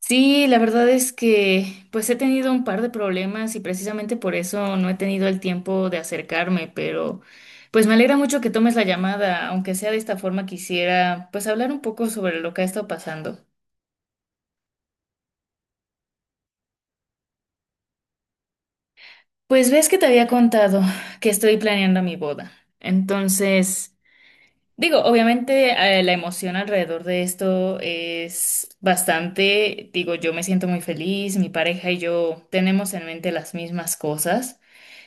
Sí, la verdad es que pues he tenido un par de problemas y precisamente por eso no he tenido el tiempo de acercarme, pero pues me alegra mucho que tomes la llamada, aunque sea de esta forma quisiera pues hablar un poco sobre lo que ha estado pasando. Pues ves que te había contado que estoy planeando mi boda. Entonces. Digo, obviamente la emoción alrededor de esto es bastante, digo, yo me siento muy feliz, mi pareja y yo tenemos en mente las mismas cosas.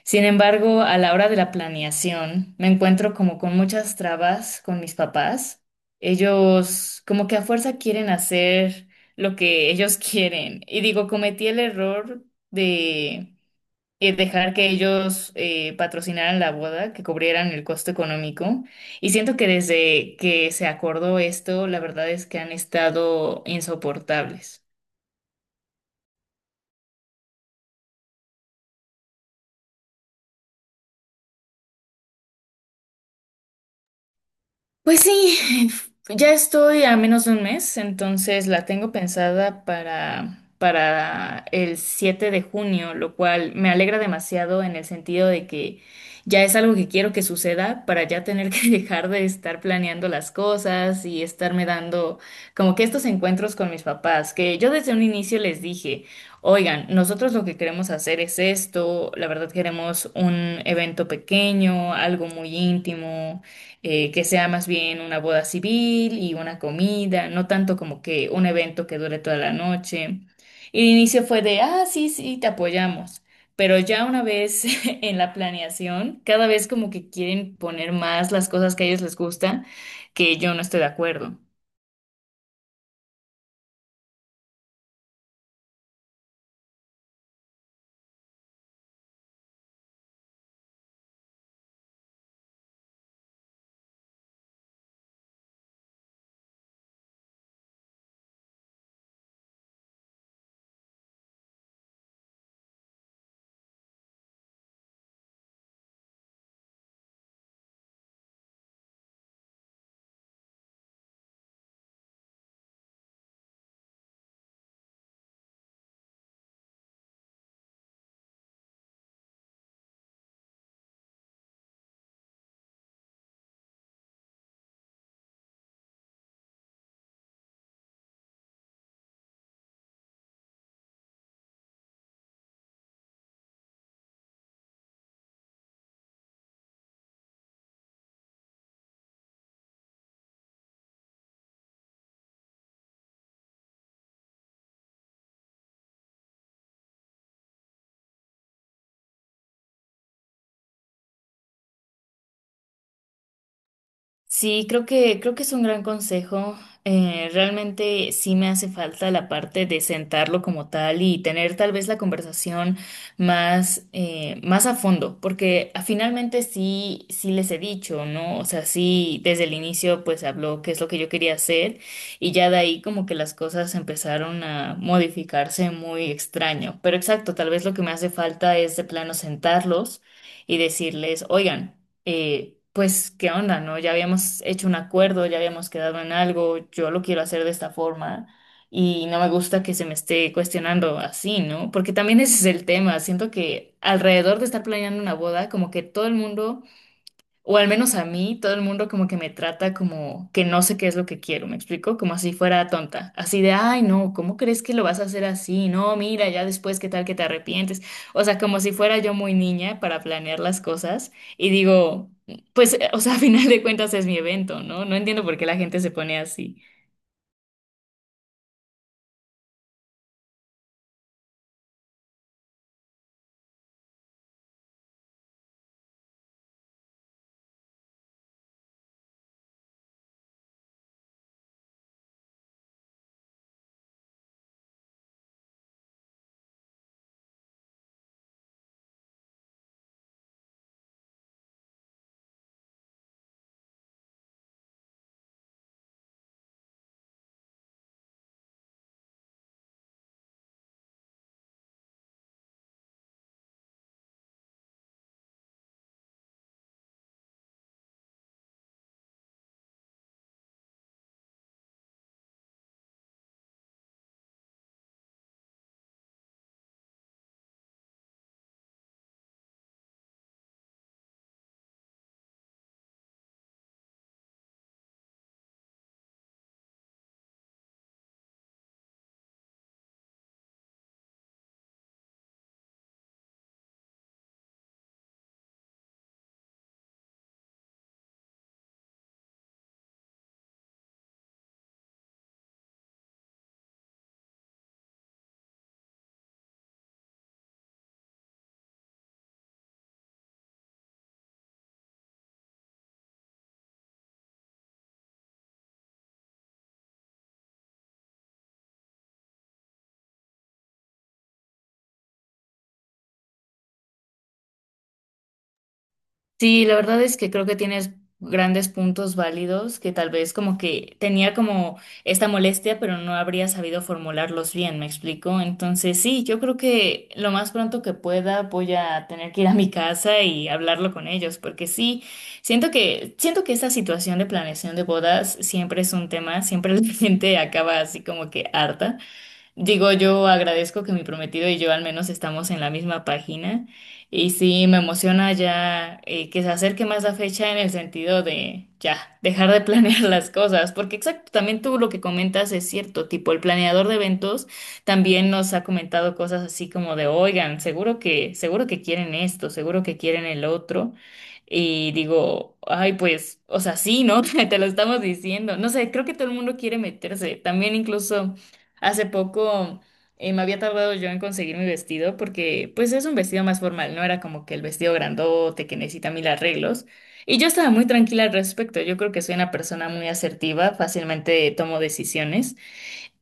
Sin embargo, a la hora de la planeación, me encuentro como con muchas trabas con mis papás. Ellos como que a fuerza quieren hacer lo que ellos quieren. Y digo, cometí el error de dejar que ellos patrocinaran la boda, que cubrieran el costo económico. Y siento que desde que se acordó esto, la verdad es que han estado insoportables. Pues sí, ya estoy a menos de un mes, entonces la tengo pensada para el 7 de junio, lo cual me alegra demasiado en el sentido de que ya es algo que quiero que suceda para ya tener que dejar de estar planeando las cosas y estarme dando como que estos encuentros con mis papás, que yo desde un inicio les dije, oigan, nosotros lo que queremos hacer es esto, la verdad queremos un evento pequeño, algo muy íntimo que sea más bien una boda civil y una comida, no tanto como que un evento que dure toda la noche. Y el inicio fue de, ah, sí, sí, te apoyamos. Pero ya una vez en la planeación, cada vez como que quieren poner más las cosas que a ellos les gusta, que yo no estoy de acuerdo. Sí, creo que es un gran consejo. Realmente sí me hace falta la parte de sentarlo como tal y tener tal vez la conversación más a fondo, porque finalmente sí, sí les he dicho, ¿no? O sea, sí, desde el inicio pues se habló qué es lo que yo quería hacer y ya de ahí como que las cosas empezaron a modificarse muy extraño. Pero exacto, tal vez lo que me hace falta es de plano sentarlos y decirles, oigan pues, ¿qué onda, no? Ya habíamos hecho un acuerdo, ya habíamos quedado en algo, yo lo quiero hacer de esta forma y no me gusta que se me esté cuestionando así, ¿no? Porque también ese es el tema, siento que alrededor de estar planeando una boda, como que todo el mundo o al menos a mí, todo el mundo como que me trata como que no sé qué es lo que quiero, ¿me explico? Como si fuera tonta, así de, ay, no, ¿cómo crees que lo vas a hacer así? No, mira, ya después, ¿qué tal que te arrepientes? O sea, como si fuera yo muy niña para planear las cosas y digo, pues, o sea, a final de cuentas es mi evento, ¿no? No entiendo por qué la gente se pone así. Sí, la verdad es que creo que tienes grandes puntos válidos que tal vez como que tenía como esta molestia, pero no habría sabido formularlos bien, ¿me explico? Entonces, sí, yo creo que lo más pronto que pueda voy a tener que ir a mi casa y hablarlo con ellos, porque sí, siento que esta situación de planeación de bodas siempre es un tema, siempre la gente acaba así como que harta. Digo, yo agradezco que mi prometido y yo al menos estamos en la misma página y sí me emociona ya que se acerque más la fecha en el sentido de ya dejar de planear las cosas, porque exacto, también tú lo que comentas es cierto, tipo el planeador de eventos también nos ha comentado cosas así como de, oigan, seguro que quieren esto, seguro que quieren el otro. Y digo, ay, pues, o sea, sí, ¿no? Te lo estamos diciendo. No sé, creo que todo el mundo quiere meterse. También incluso hace poco me había tardado yo en conseguir mi vestido porque pues es un vestido más formal, no era como que el vestido grandote que necesita mil arreglos. Y yo estaba muy tranquila al respecto, yo creo que soy una persona muy asertiva, fácilmente tomo decisiones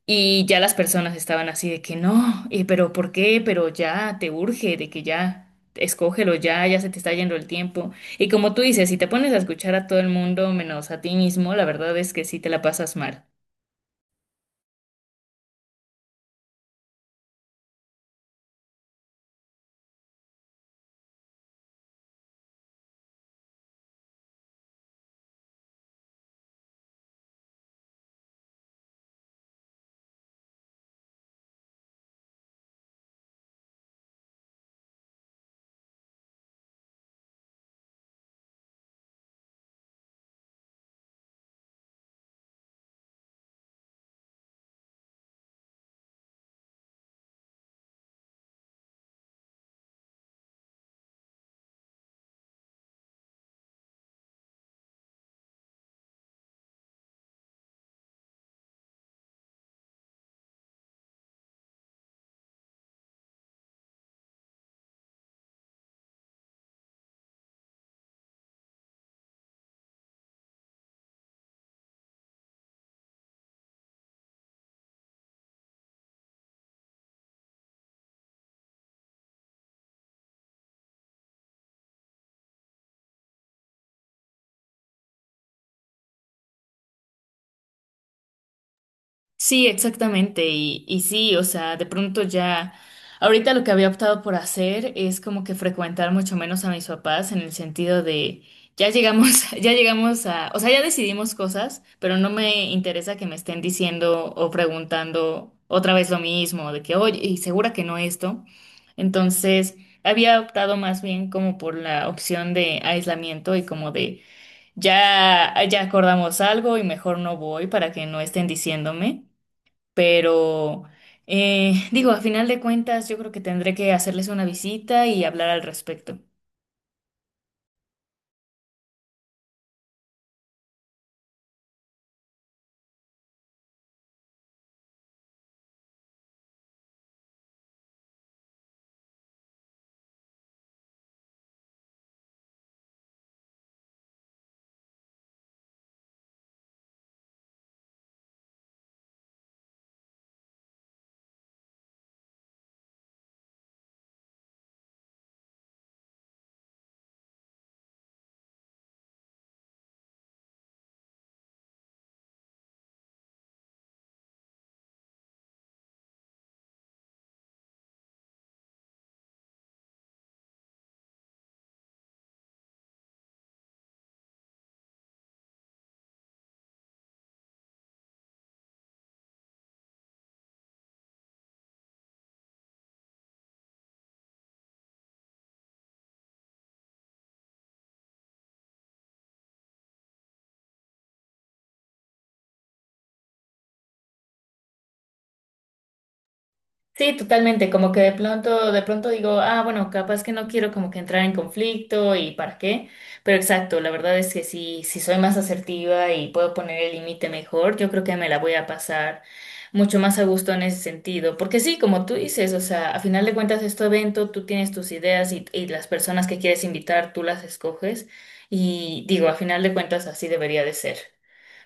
y ya las personas estaban así de que no, pero ¿por qué? Pero ya te urge, de que ya. Escógelo ya, ya se te está yendo el tiempo. Y como tú dices, si te pones a escuchar a todo el mundo menos a ti mismo, la verdad es que sí te la pasas mal. Sí, exactamente. Y sí, o sea, de pronto ya, ahorita lo que había optado por hacer es como que frecuentar mucho menos a mis papás en el sentido de, ya llegamos, ya llegamos a, o sea, ya decidimos cosas, pero no me interesa que me estén diciendo o preguntando otra vez lo mismo, de que, oye, y segura que no esto. Entonces, había optado más bien como por la opción de aislamiento y como de, ya, ya acordamos algo y mejor no voy para que no estén diciéndome. Pero digo, a final de cuentas, yo creo que tendré que hacerles una visita y hablar al respecto. Sí, totalmente, como que de pronto digo, ah, bueno, capaz que no quiero como que entrar en conflicto y para qué, pero exacto, la verdad es que si soy más asertiva y puedo poner el límite mejor, yo creo que me la voy a pasar mucho más a gusto en ese sentido, porque sí, como tú dices, o sea, a final de cuentas es tu evento, tú tienes tus ideas y las personas que quieres invitar, tú las escoges y digo, a final de cuentas así debería de ser.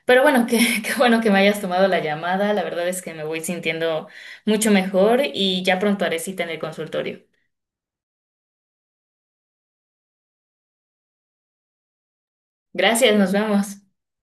Pero bueno, qué, qué bueno que me hayas tomado la llamada. La verdad es que me voy sintiendo mucho mejor y ya pronto haré cita en el consultorio. Gracias, nos vemos.